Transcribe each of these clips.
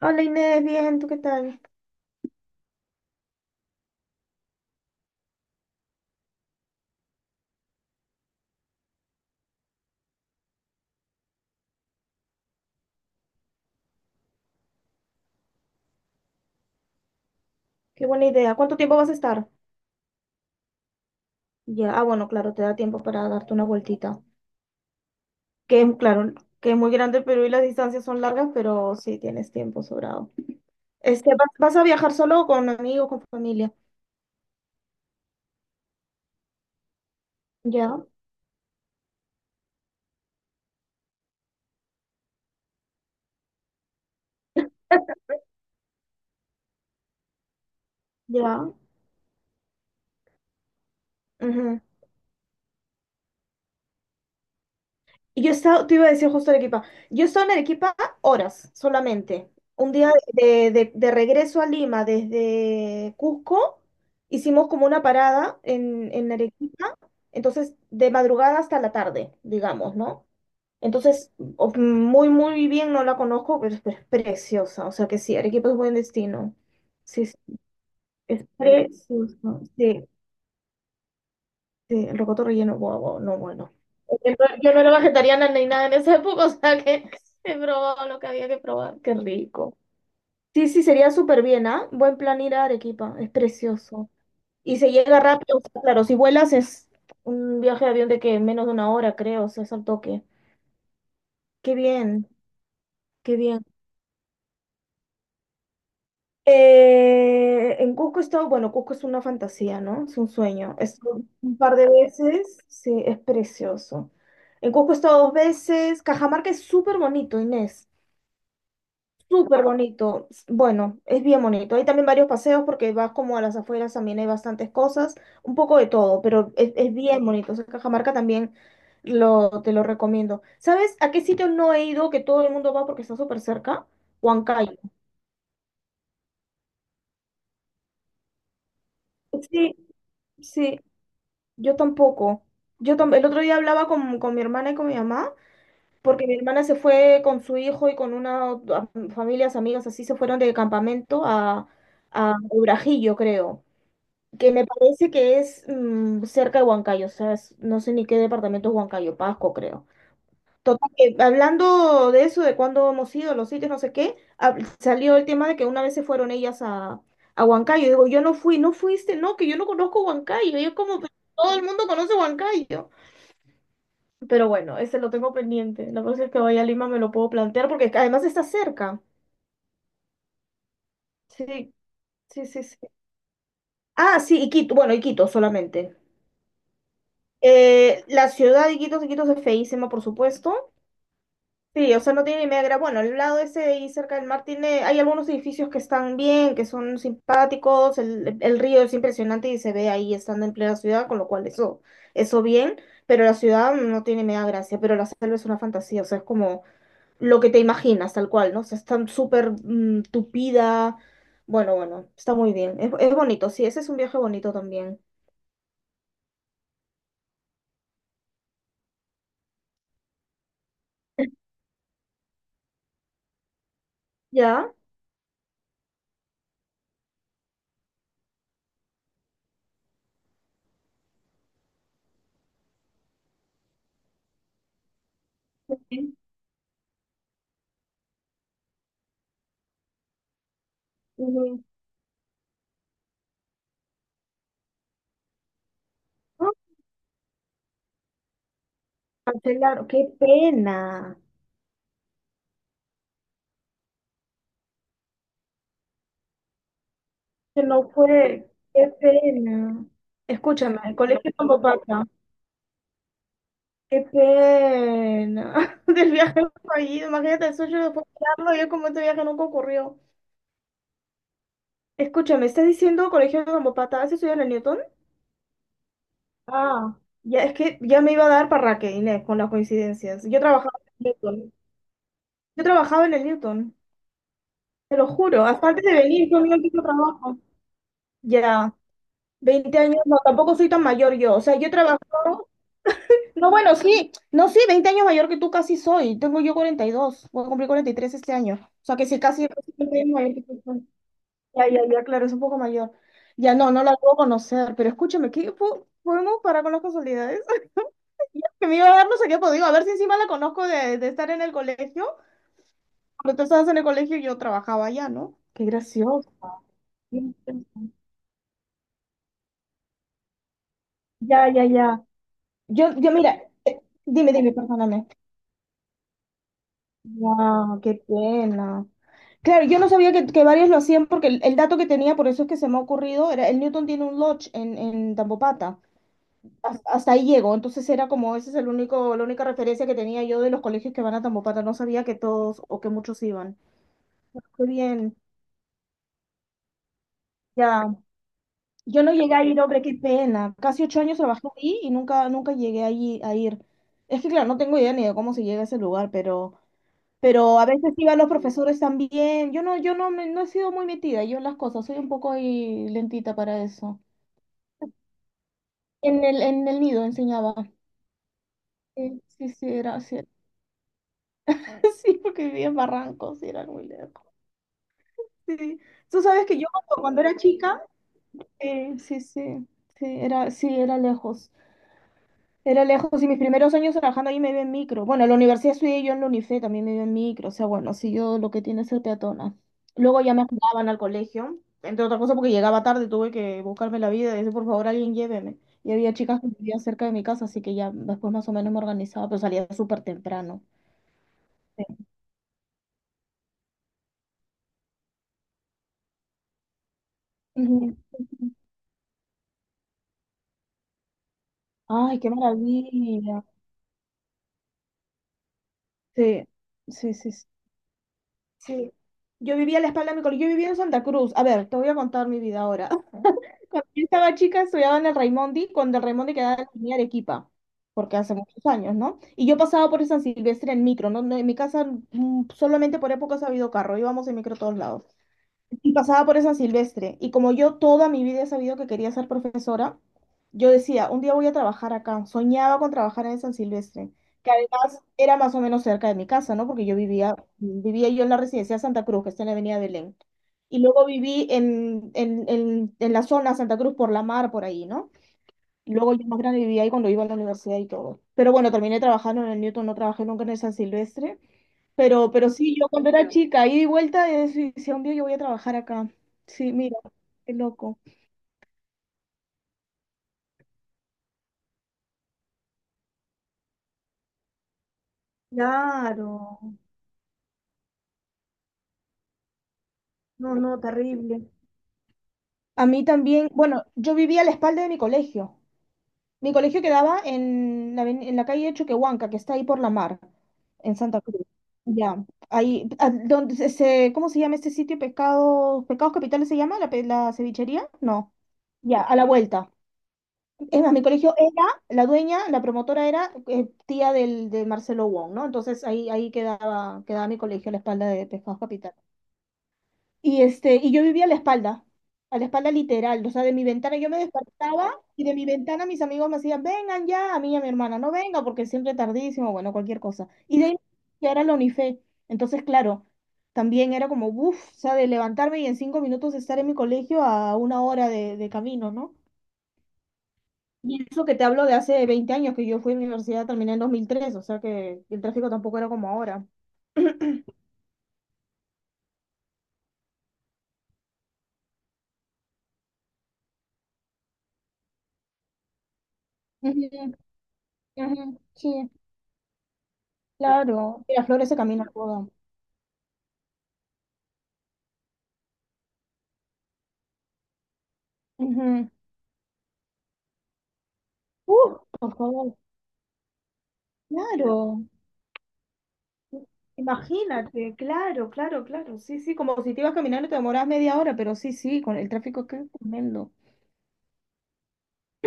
Hola Inés, bien, ¿tú qué tal? Qué buena idea. ¿Cuánto tiempo vas a estar? Ya, ah, bueno, claro, te da tiempo para darte una vueltita. Que es, claro, que es muy grande el Perú y las distancias son largas, pero sí tienes tiempo sobrado. ¿Vas a viajar solo o con amigos, con familia? Ya, ya. Ujú. Y yo he estado, te iba a decir justo Arequipa, yo he estado en Arequipa horas solamente. Un día de, de regreso a Lima desde Cusco, hicimos como una parada en Arequipa, entonces de madrugada hasta la tarde, digamos, ¿no? Entonces, muy, muy bien, no la conozco, pero es preciosa, o sea que sí, Arequipa es buen destino. Sí, sí, es precioso, sí. Sí, el rocoto relleno, guau, guau, no, bueno. Yo no era vegetariana ni nada en esa época, o sea que he probado lo que había que probar, qué rico. Sí, sí, sería súper bien, ¿ah? Buen plan ir a Arequipa, es precioso. Y se llega rápido, o sea, claro, si vuelas es un viaje de avión de que menos de una hora, creo, o sea, es al toque. Qué bien, qué bien. En Cusco he estado, bueno, Cusco es una fantasía, ¿no? Es un sueño. He estado un par de veces, sí, es precioso. En Cusco he estado dos veces. Cajamarca es súper bonito, Inés. Súper bonito. Bueno, es bien bonito. Hay también varios paseos porque vas como a las afueras, también hay bastantes cosas, un poco de todo, pero es bien bonito. O sea, Cajamarca también lo, te lo recomiendo. ¿Sabes a qué sitio no he ido que todo el mundo va porque está súper cerca? Huancayo. Sí, sí. Yo tampoco. El otro día hablaba con mi hermana y con mi mamá, porque mi hermana se fue con su hijo y con una familias, amigas, así se fueron de campamento a Urajillo, creo, que me parece que es cerca de Huancayo, o sea, no sé ni qué departamento es Huancayo, Pasco, creo. Total, que hablando de eso, de cuándo hemos ido, los sitios, no sé qué, salió el tema de que una vez se fueron ellas a Huancayo. Digo, yo no fui, no fuiste, no, que yo no conozco Huancayo. Y yo como, "Pero todo el mundo conoce Huancayo". Pero bueno, ese lo tengo pendiente. La próxima vez que vaya a Lima me lo puedo plantear porque además está cerca. Sí, sí, sí, sí. Ah, sí, Iquitos. Bueno, Iquitos solamente. La ciudad de Iquitos, Iquitos es feísima, por supuesto. Sí, o sea, no tiene ni media bueno, al lado ese de ahí cerca del mar tiene, hay algunos edificios que están bien, que son simpáticos. El río es impresionante y se ve ahí estando en plena ciudad, con lo cual eso, eso bien. Pero la ciudad no tiene media gracia, pero la selva es una fantasía. O sea, es como lo que te imaginas, tal cual, ¿no? O sea, está súper tupida. Bueno, bueno, está muy bien. Es bonito, sí, ese es un viaje bonito también. ¿Ya? Mm, ah, cancelaron, qué pena. Que no fue, qué pena. Escúchame, el colegio tampoco pasa. Qué pena. Del viaje fallido, imagínate el sueño de poder yo como este viaje nunca ocurrió. Escúchame, ¿estás diciendo colegio de Zambopata? ¿Has estudiado en el Newton? Ah, ya es que ya me iba a dar para que Inés con las coincidencias. Yo trabajaba en el Newton. Yo trabajaba en el Newton, te lo juro. Hasta antes de venir, yo mira que yo trabajo. Ya, 20 años, no, tampoco soy tan mayor yo. O sea, yo trabajo. No, bueno, sí, no, sí, 20 años mayor que tú casi soy. Tengo yo 42. Voy a cumplir 43 este año. O sea, que sí, casi casi 20 años mayor que tú soy. Ya, ya, ya, claro, es un poco mayor. Ya, no, no la puedo conocer, pero escúchame, ¿qué podemos parar con las casualidades? Que me iba a dar no sé qué, pues digo, a ver si encima la conozco de estar en el colegio, cuando tú estabas en el colegio yo trabajaba allá, ¿no? Qué gracioso. Ya, ya, ya. Mira, perdóname. Wow, qué pena. Claro, yo no sabía que varios lo hacían porque el dato que tenía, por eso es que se me ha ocurrido, era el Newton tiene un lodge en Tambopata. Hasta ahí llego, entonces era como, ese es el único, la única referencia que tenía yo de los colegios que van a Tambopata, no sabía que todos o que muchos iban. Qué bien, ya. Yo no llegué a ir, hombre, qué pena. Casi 8 años trabajé ahí y nunca, nunca llegué ahí a ir. Es que, claro, no tengo idea ni de cómo se llega a ese lugar, pero a veces iban los profesores también. Yo no, yo no, no he sido muy metida, yo en las cosas, soy un poco ahí lentita para eso. En el nido enseñaba. Sí, sí, sí, era, sí, era. Sí, porque vivía en Barrancos y era muy lejos. Sí. Tú sabes que yo cuando era chica, sí, sí, sí, era lejos. Era lejos y mis primeros años trabajando ahí me iba en micro. Bueno, en la universidad estudié yo en la UNIFE, también me iba en micro. O sea, bueno, si yo lo que tiene es ser peatona. Luego ya me mandaban al colegio, entre otras cosas porque llegaba tarde, tuve que buscarme la vida y decir, por favor, alguien lléveme. Y había chicas que vivían cerca de mi casa, así que ya después más o menos me organizaba, pero salía súper temprano. Sí. Ujú. Ay, qué maravilla. Sí, sí, sí, sí. Sí. Yo vivía a la espalda de mi colegio, yo vivía en Santa Cruz. A ver, te voy a contar mi vida ahora. Cuando yo estaba chica estudiaba en el Raimondi, cuando el Raimondi quedaba en la avenida Arequipa, porque hace muchos años, ¿no? Y yo pasaba por el San Silvestre en micro, ¿no? No, en mi casa solamente por épocas ha habido carro, íbamos en micro a todos lados. Y pasaba por esa Silvestre. Y como yo toda mi vida he sabido que quería ser profesora, yo decía, un día voy a trabajar acá. Soñaba con trabajar en San Silvestre, que además era más o menos cerca de mi casa, ¿no? Porque yo vivía, vivía yo en la residencia Santa Cruz, que está en la Avenida Belén. Y luego viví en la zona Santa Cruz por la mar, por ahí, ¿no? Y luego yo más grande vivía ahí cuando iba a la universidad y todo. Pero bueno, terminé trabajando en el Newton, no trabajé nunca en el San Silvestre. Pero sí, yo cuando era chica, ida y vuelta, y decía, un día yo voy a trabajar acá. Sí, mira, qué loco. Claro. No, no, terrible. A mí también, bueno, yo vivía a la espalda de mi colegio. Mi colegio quedaba en la, en la calle Choquehuanca, que está ahí por la mar, en Santa Cruz. Ya, ahí, donde se, ¿cómo se llama este sitio? Pescados, Pescados Capitales se llama, la, la cevichería, no. Ya, a la vuelta. Es más, mi colegio era, la dueña, la promotora era tía del, de Marcelo Wong, ¿no? Entonces ahí quedaba, quedaba mi colegio a la espalda de Pescados Capital. Y, este, y yo vivía a la espalda literal, o sea, de mi ventana yo me despertaba y de mi ventana mis amigos me hacían, vengan ya, a mí y a mi hermana, no venga porque siempre tardísimo, bueno, cualquier cosa. Y de ahí ya era la Unife. Entonces, claro, también era como, uff, o sea, de levantarme y en 5 minutos estar en mi colegio a una hora de camino, ¿no? Y eso que te hablo de hace 20 años, que yo fui a la universidad, terminé en 2003, o sea que el tráfico tampoco era como ahora. Ujú, ujú, sí, claro. Flores se camina todo. Ujú. Por favor, claro. Imagínate, claro, claro, claro. Sí, sí, como si te ibas caminando y te demoras media hora, pero sí, sí, con el tráfico, qué tremendo.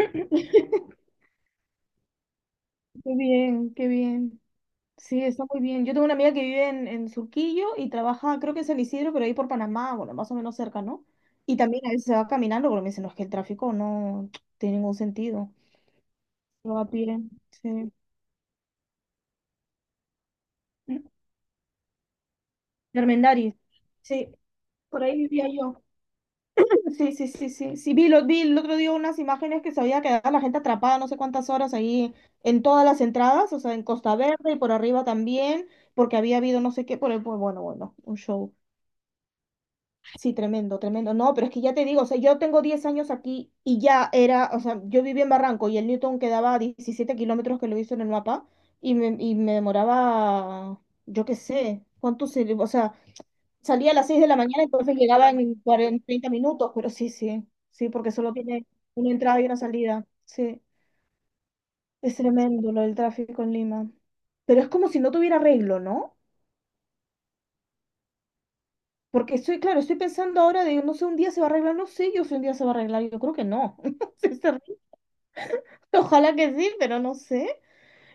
Qué bien, qué bien. Sí, está muy bien. Yo tengo una amiga que vive en Surquillo y trabaja, creo que en San Isidro, pero ahí por Panamá, bueno, más o menos cerca, ¿no? Y también a veces se va caminando, porque me dicen, no, es que el tráfico no tiene ningún sentido. Se va a pie, sí. Armendáriz. Sí, por ahí vivía yo. Sí, sí, sí, sí. Sí, vi, lo, vi el otro día unas imágenes que se había quedado la gente atrapada no sé cuántas horas ahí en todas las entradas, o sea, en Costa Verde y por arriba también, porque había habido no sé qué, por el, bueno, bueno, un show. Sí, tremendo, tremendo. No, pero es que ya te digo, o sea, yo tengo 10 años aquí y ya era, o sea, yo vivía en Barranco y el Newton quedaba a 17 kilómetros que lo hizo en el mapa y me demoraba, yo qué sé, cuánto se, o sea, salía a las 6 de la mañana, entonces llegaba en 40, 30 minutos, pero sí, sí, sí, porque solo tiene una entrada y una salida. Sí, es tremendo lo del tráfico en Lima. Pero es como si no tuviera arreglo, ¿no? Porque estoy, claro, estoy pensando ahora de, no sé, un día se va a arreglar, no sé yo si un día se va a arreglar, yo creo que no. Sinceramente, ojalá que sí, pero no sé.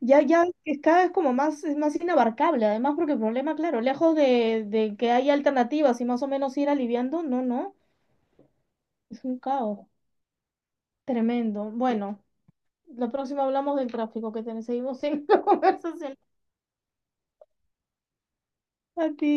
Ya, ya es cada vez como más, es más inabarcable, además porque el problema, claro, lejos de que haya alternativas y más o menos ir aliviando, no, no, es un caos tremendo. Bueno, la próxima hablamos del tráfico que tenemos, seguimos en la conversación. A ti.